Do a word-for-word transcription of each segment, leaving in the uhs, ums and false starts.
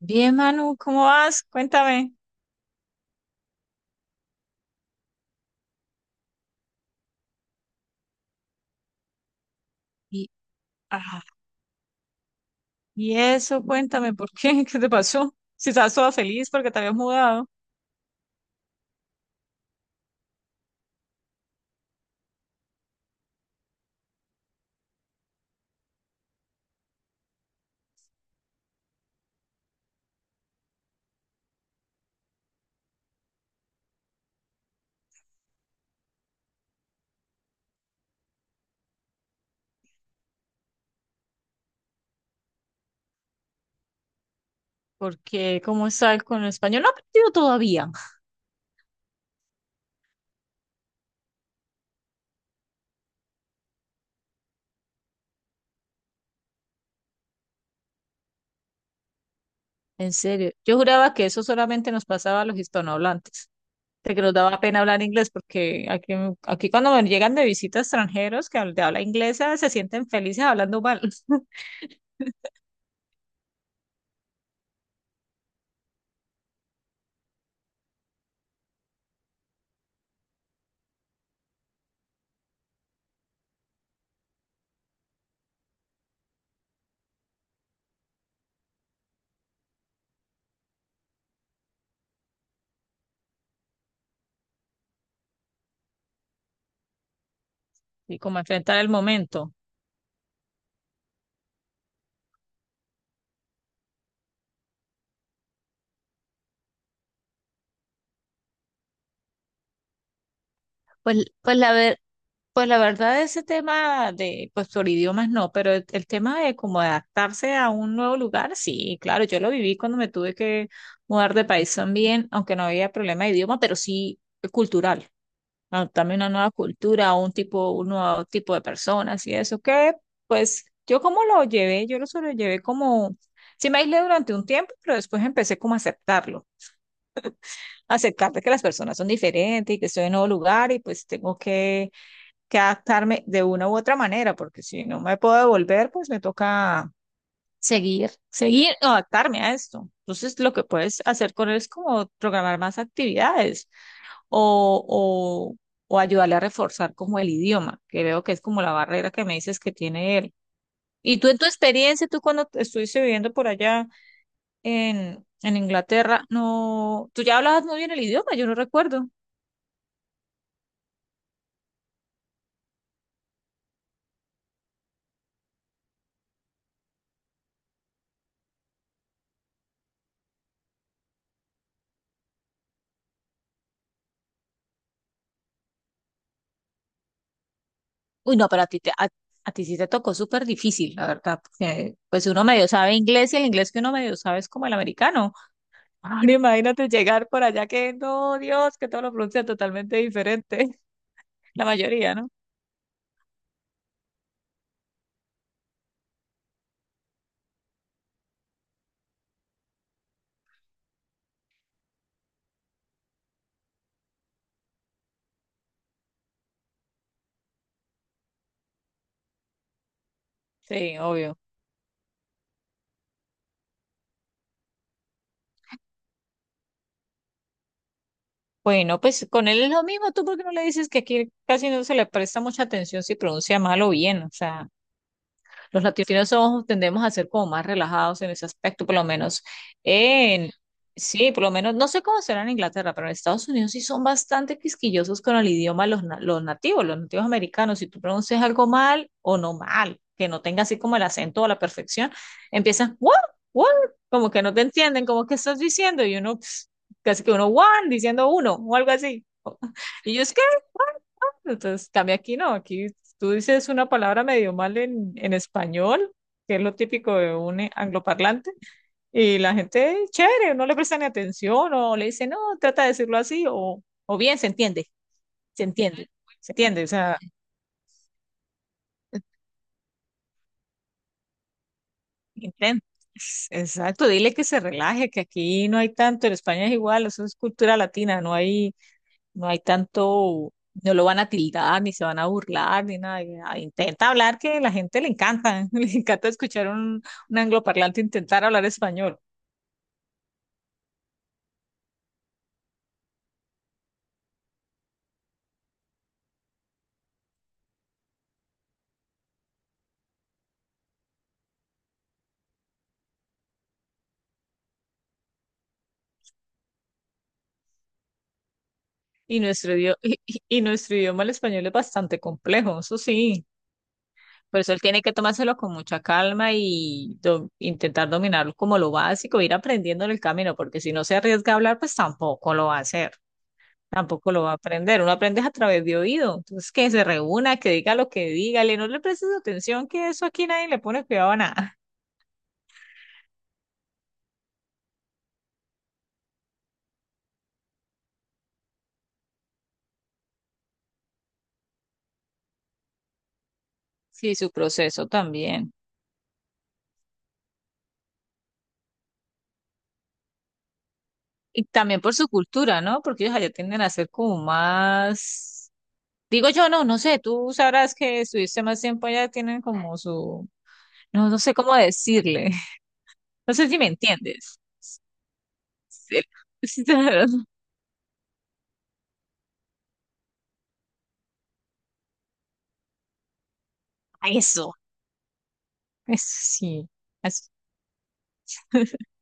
Bien, Manu, ¿cómo vas? Cuéntame. Y, ah, y eso, cuéntame, ¿por qué? ¿Qué te pasó? Si estabas toda feliz porque te habías mudado. Porque, ¿cómo estás con el español? No he aprendido todavía. En serio. Yo juraba que eso solamente nos pasaba a los hispanohablantes. De que nos daba pena hablar inglés porque aquí, aquí cuando me llegan de visita extranjeros que habl- de habla inglesa se sienten felices hablando mal. Y como enfrentar el momento. Pues, pues la, ver- Pues la verdad, ese tema de, pues por idiomas no, pero el, el tema de cómo adaptarse a un nuevo lugar, sí, claro, yo lo viví cuando me tuve que mudar de país también, aunque no había problema de idioma, pero sí cultural, adaptarme a una nueva cultura, a un tipo, un nuevo tipo de personas y eso, que pues yo como lo llevé, yo lo sobrellevé como, sí me aislé durante un tiempo, pero después empecé como a aceptarlo, aceptar de que las personas son diferentes y que estoy en un nuevo lugar y pues tengo que que adaptarme de una u otra manera, porque si no me puedo devolver, pues me toca seguir, seguir o adaptarme a esto. Entonces, lo que puedes hacer con él es como programar más actividades o, o, o ayudarle a reforzar como el idioma, que veo que es como la barrera que me dices que tiene él. Y tú en tu experiencia, tú cuando te estuviste viviendo por allá en, en Inglaterra, no, tú ya hablabas muy bien el idioma, yo no recuerdo. Uy, no, pero a ti, te, a, a ti sí te tocó súper difícil, la verdad, porque pues uno medio sabe inglés y el inglés que uno medio sabe es como el americano. Ahora imagínate llegar por allá que, no, Dios, que todo lo pronuncia totalmente diferente, la mayoría, ¿no? Sí, obvio. Bueno, pues con él es lo mismo, ¿tú por qué no le dices que aquí casi no se le presta mucha atención si pronuncia mal o bien? O sea, los latinos somos tendemos a ser como más relajados en ese aspecto, por lo menos en, sí, por lo menos, no sé cómo será en Inglaterra, pero en Estados Unidos sí son bastante quisquillosos con el idioma los, na- los nativos, los nativos americanos. Si tú pronuncias algo mal o no mal, que no tenga así como el acento a la perfección, empiezan, what, what, como que no te entienden, como que estás diciendo, y uno, pss, casi que uno, one, diciendo uno, o algo así. Y yo, es entonces, cambia aquí, no, aquí tú dices una palabra medio mal en, en español, que es lo típico de un eh, angloparlante, y la gente, chévere, no le presta ni atención o le dice, no, trata de decirlo así, o, o bien, se entiende, se entiende, se entiende, o sea, intenta. Exacto, dile que se relaje, que aquí no hay tanto, en España es igual, eso es cultura latina, no hay No hay tanto, no lo van a tildar, ni se van a burlar, ni nada. Y, ah, intenta hablar que a la gente le encanta, le encanta escuchar un, un angloparlante intentar hablar español. Y nuestro idioma, y, y- y nuestro idioma, el español, es bastante complejo, eso sí. Por eso él tiene que tomárselo con mucha calma y do- intentar dominarlo como lo básico, ir aprendiendo en el camino, porque si no se arriesga a hablar, pues tampoco lo va a hacer. Tampoco lo va a aprender, uno aprende a través de oído. Entonces, que se reúna, que diga lo que diga, le no le prestes atención, que eso aquí nadie le pone cuidado a nada. Sí, su proceso también. Y también por su cultura, ¿no? Porque ellos allá tienden a ser como más, digo yo, no, no sé, tú sabrás que estuviste más tiempo allá, tienen como su, no, no sé cómo decirle, no sé si me entiendes. Sí. Sí, A Eso, eso sí. Así.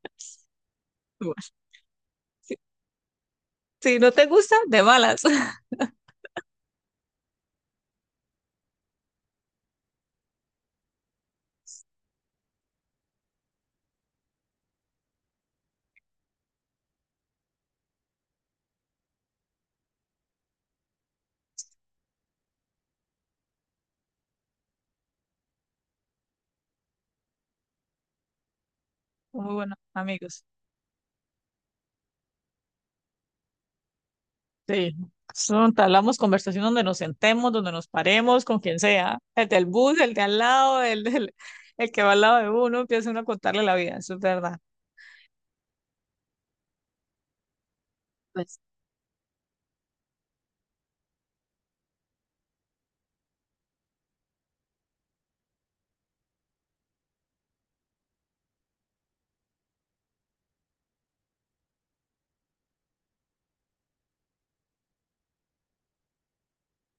Sí, no te gusta, de malas. Muy buenos amigos. Sí, son entablamos conversación donde nos sentemos, donde nos paremos, con quien sea, el del bus, el de al lado, el, del- el que va al lado de uno, empieza uno a contarle la vida, eso es verdad. Pues,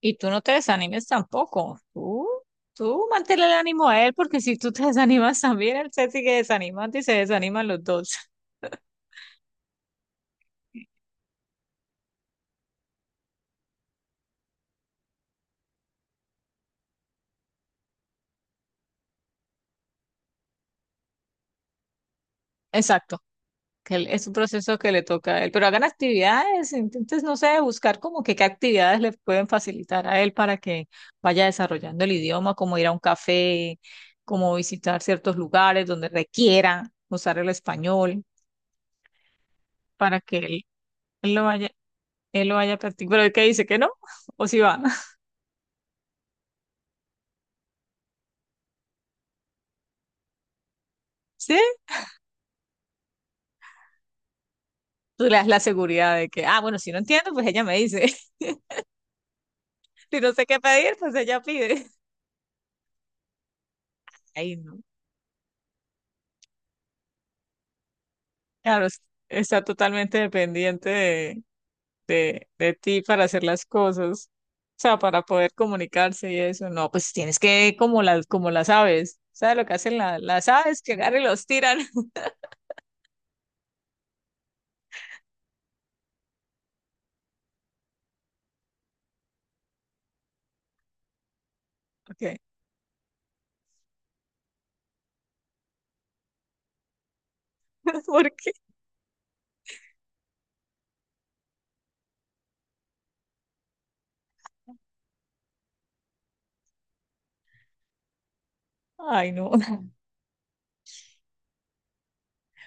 y tú no te desanimes tampoco, tú, tú manténle el ánimo a él, porque si tú te desanimas también, él se sigue desanimando y se desaniman los dos. Exacto. que él- es un proceso que le toca a él, pero hagan actividades, entonces no sé, buscar como que qué actividades le pueden facilitar a él para que vaya desarrollando el idioma, como ir a un café, como visitar ciertos lugares donde requiera usar el español para que él, él lo vaya, él lo vaya practicando. Pero el que dice que no, o si va, ¿sí? Tú le das la seguridad de que, ah, bueno, si no entiendo, pues ella me dice, si no sé qué pedir, pues ella pide. Ahí no. Claro, es está totalmente dependiente de de, de ti para hacer las cosas, o sea, para poder comunicarse y eso. No, pues tienes que, como las, como las aves, ¿sabes lo que hacen la- las aves? Que agarran y los tiran. ¿Por qué? ¿Por qué? Ay, no.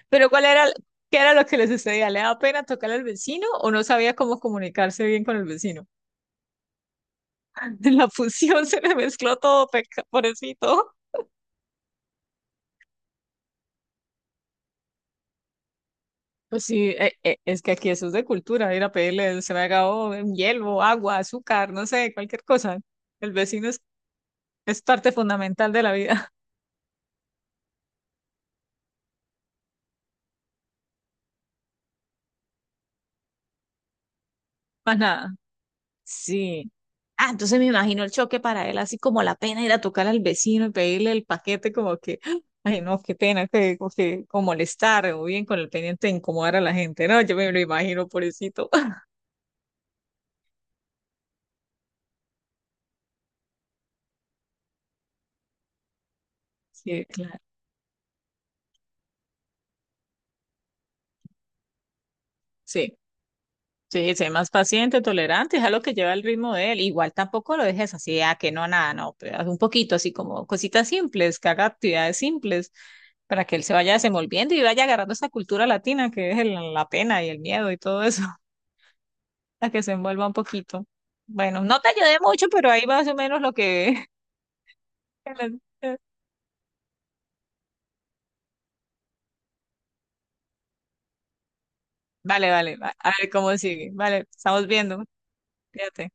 Pero ¿cuál era, qué era lo que les sucedía? ¿Le daba pena tocar al vecino o no sabía cómo comunicarse bien con el vecino? En la fusión se le mezcló todo, peca, pobrecito. Pues sí, eh, eh, es que aquí eso es de cultura, ir a pedirle, se me ha acabado un hielo, agua, azúcar, no sé, cualquier cosa. El vecino es Es parte fundamental de la vida, más nada. Sí. Ah, entonces me imagino el choque para él, así como la pena ir a tocar al vecino y pedirle el paquete, como que, ay, no, qué pena, que, como que- como molestar, o bien con el pendiente de incomodar a la gente, ¿no? Yo me lo imagino, pobrecito. Sí, claro. Sí. Sí, sé más paciente, tolerante, es algo que lleva el ritmo de él. Igual tampoco lo dejes así, a que no, nada, no, pero haz un poquito así como cositas simples, que haga actividades simples para que él se vaya desenvolviendo y vaya agarrando esa cultura latina que es el- la pena y el miedo y todo eso, para que se envuelva un poquito. Bueno, no te ayudé mucho, pero ahí más o menos lo que... Vale, vale, va- a ver cómo sigue. Vale, estamos viendo, fíjate.